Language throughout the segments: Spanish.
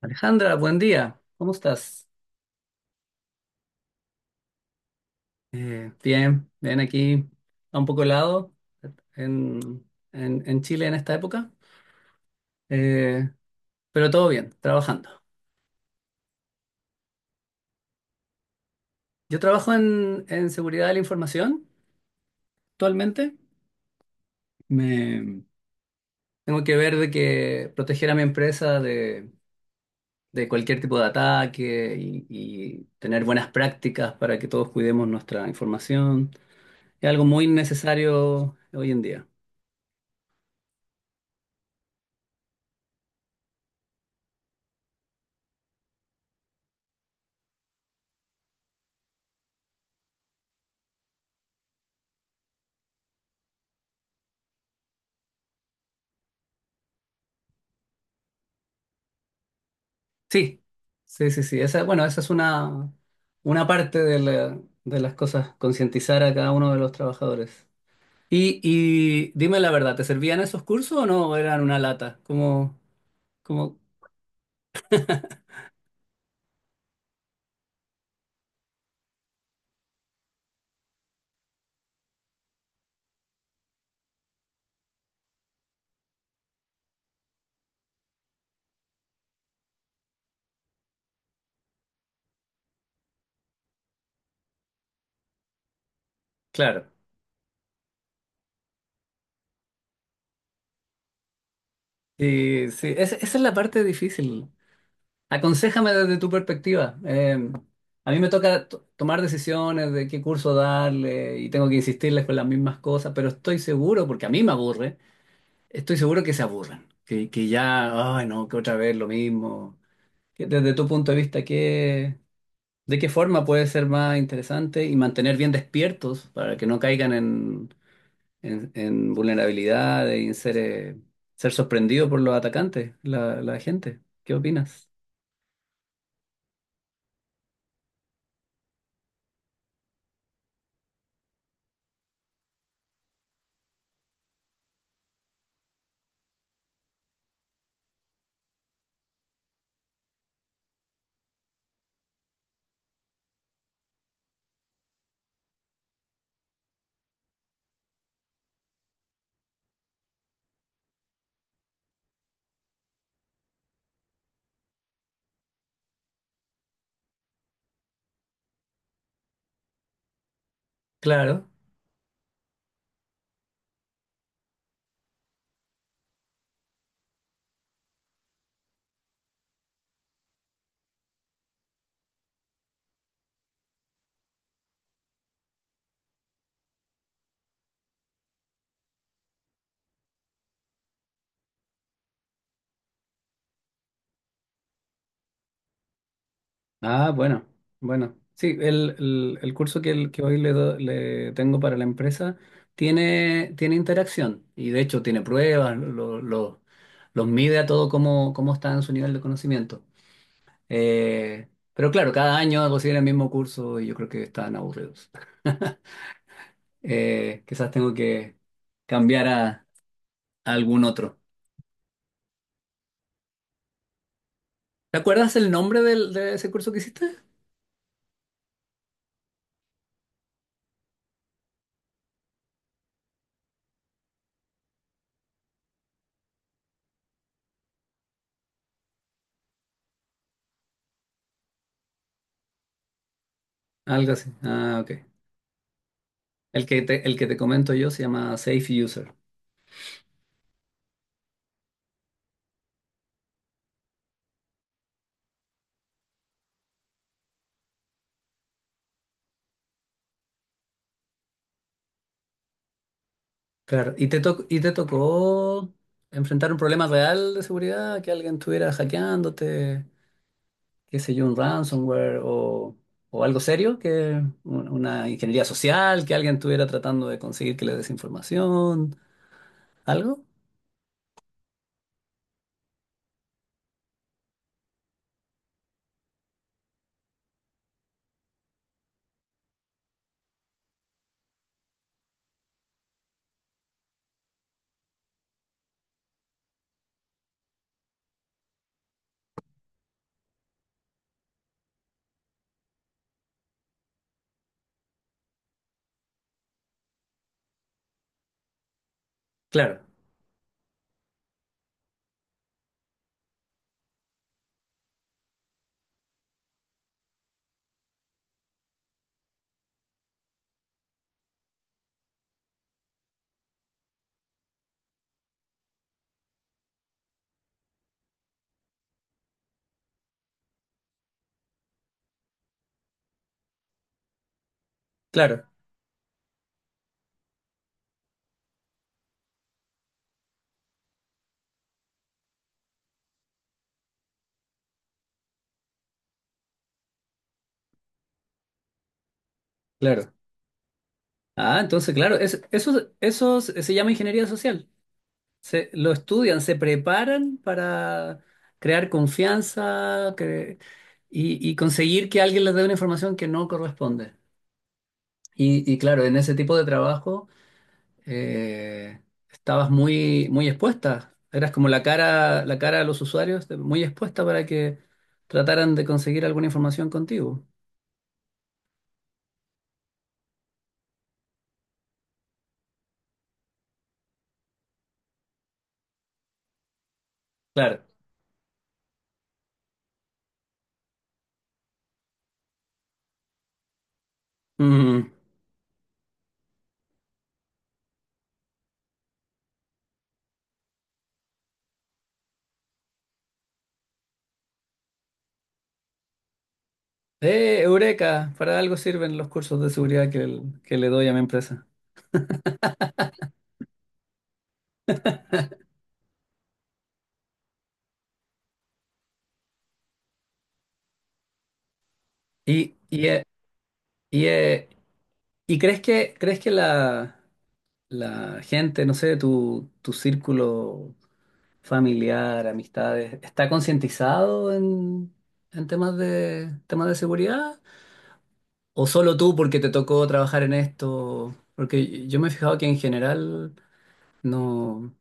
Alejandra, buen día. ¿Cómo estás? Bien, bien aquí a un poco helado en, en Chile en esta época. Eh, pero todo bien, trabajando. Yo trabajo en seguridad de la información actualmente. Me, Tengo que ver de que proteger a mi empresa de cualquier tipo de ataque y tener buenas prácticas para que todos cuidemos nuestra información. Es algo muy necesario hoy en día. Sí, sí, sí, sí. Bueno, esa es una parte de de las cosas, concientizar a cada uno de los trabajadores. Y dime la verdad, ¿te servían esos cursos o no eran una lata? Como, claro. Sí, sí, esa es la parte difícil. Aconséjame desde tu perspectiva. A mí me toca tomar decisiones de qué curso darle y tengo que insistirles con las mismas cosas, pero estoy seguro, porque a mí me aburre. Estoy seguro que se aburran, que ya, ay no, que otra vez lo mismo. Que Desde tu punto de vista, ¿de qué forma puede ser más interesante y mantener bien despiertos para que no caigan en vulnerabilidad y en ser, ser sorprendido por los atacantes, la gente? ¿Qué opinas? Claro. Ah, bueno, bueno. Sí, el curso que, que hoy le, le tengo para la empresa tiene, tiene interacción y de hecho tiene pruebas, los mide a todo cómo, cómo está en su nivel de conocimiento. Eh, pero claro, cada año hago seguir el mismo curso y yo creo que están aburridos. Quizás tengo que cambiar a algún otro. ¿Te acuerdas el nombre de ese curso que hiciste? Algo así. Ah, ok. El que te comento yo se llama Safe User. Claro, ¿y te, to y te tocó enfrentar un problema real de seguridad? ¿Que alguien estuviera hackeándote, qué sé yo, un ransomware o algo serio? ¿Que una ingeniería social? ¿Que alguien estuviera tratando de conseguir que le des información? ¿Algo? Claro, claro, claro. Ah, entonces, claro, eso, eso se llama ingeniería social. Se, lo estudian, se preparan para crear confianza y conseguir que alguien les dé una información que no corresponde. Y claro, en ese tipo de trabajo eh, estabas muy, muy expuesta. Eras como la cara a los usuarios, de- muy expuesta para que trataran de conseguir alguna información contigo. Claro. Mm. Eureka, para algo sirven los cursos de seguridad que, que le doy a mi empresa. Y, y, eh, y, eh, ¿Y crees que la gente, no sé, tu círculo familiar, amistades, está concientizado en temas de seguridad? ¿O solo tú porque te tocó trabajar en esto? Porque yo me he fijado que en general no,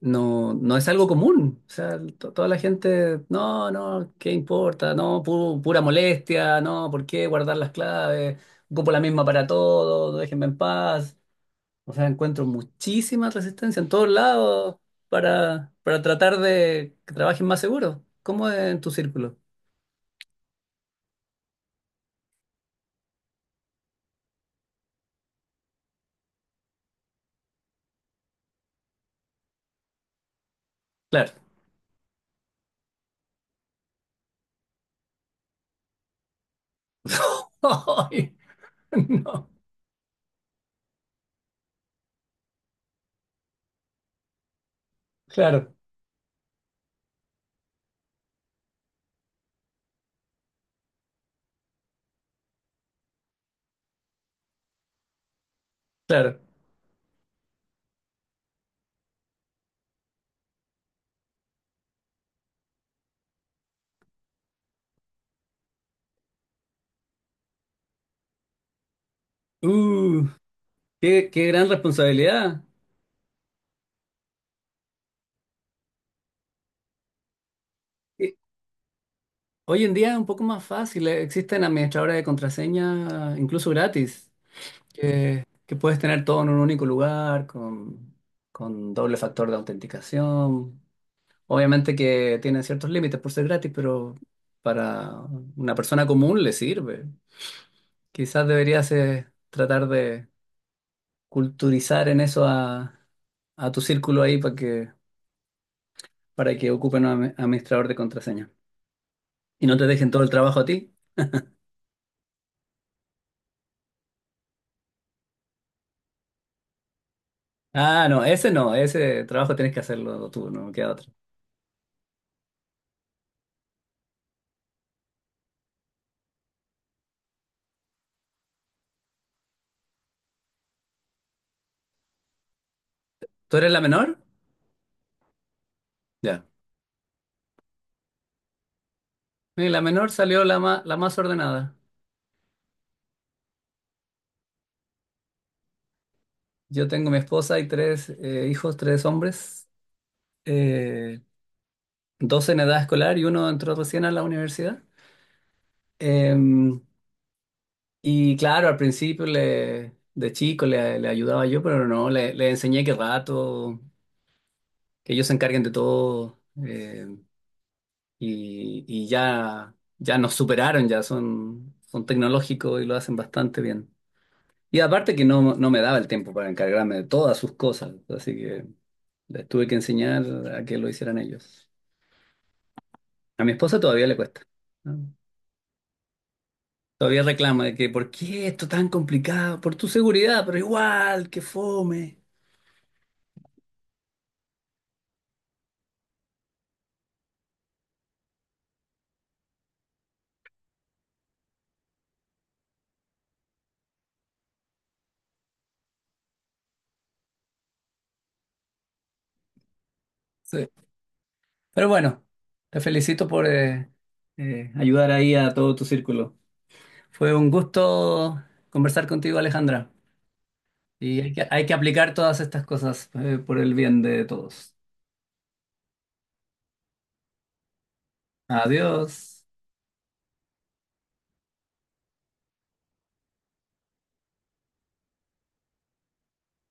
no es algo común. O sea, toda la gente, no, no, ¿qué importa? No, pura molestia, no, ¿por qué guardar las claves? Ocupo la misma para todo, déjenme en paz. O sea, encuentro muchísima resistencia en todos lados para tratar de que trabajen más seguro. ¿Cómo es en tu círculo? Claro. Ay, no, claro, claro. Uh, qué, qué gran responsabilidad. Eh, Hoy en día es un poco más fácil. Existen administradores de contraseña, incluso gratis, que puedes tener todo en un único lugar, con doble factor de autenticación. Obviamente que tiene ciertos límites por ser gratis, pero para una persona común le sirve. Quizás deberías tratar de culturizar en eso a tu círculo ahí para que ocupen un administrador de contraseña. Y no te dejen todo el trabajo a ti. Ah, no, ese no, ese trabajo tienes que hacerlo tú, no queda otra. ¿Tú eres la menor? Ya. Y la menor salió la, la más ordenada. Yo tengo mi esposa y tres hijos, tres hombres. Eh, Dos en edad escolar y uno entró recién a la universidad. Em, y claro, al principio le, de chico le, le ayudaba yo, pero no, le enseñé que rato, que ellos se encarguen de todo. Y ya nos superaron, ya son, son tecnológicos y lo hacen bastante bien. Y aparte que no, no me daba el tiempo para encargarme de todas sus cosas, así que les tuve que enseñar a que lo hicieran ellos. A mi esposa todavía le cuesta. ¿No? Todavía reclama de que ¿por qué esto tan complicado? Por tu seguridad, pero igual, que fome. Sí. Pero bueno, te felicito por ayudar ahí a todo tu círculo. Fue un gusto conversar contigo, Alejandra. Y hay que aplicar todas estas cosas por el bien de todos. Adiós.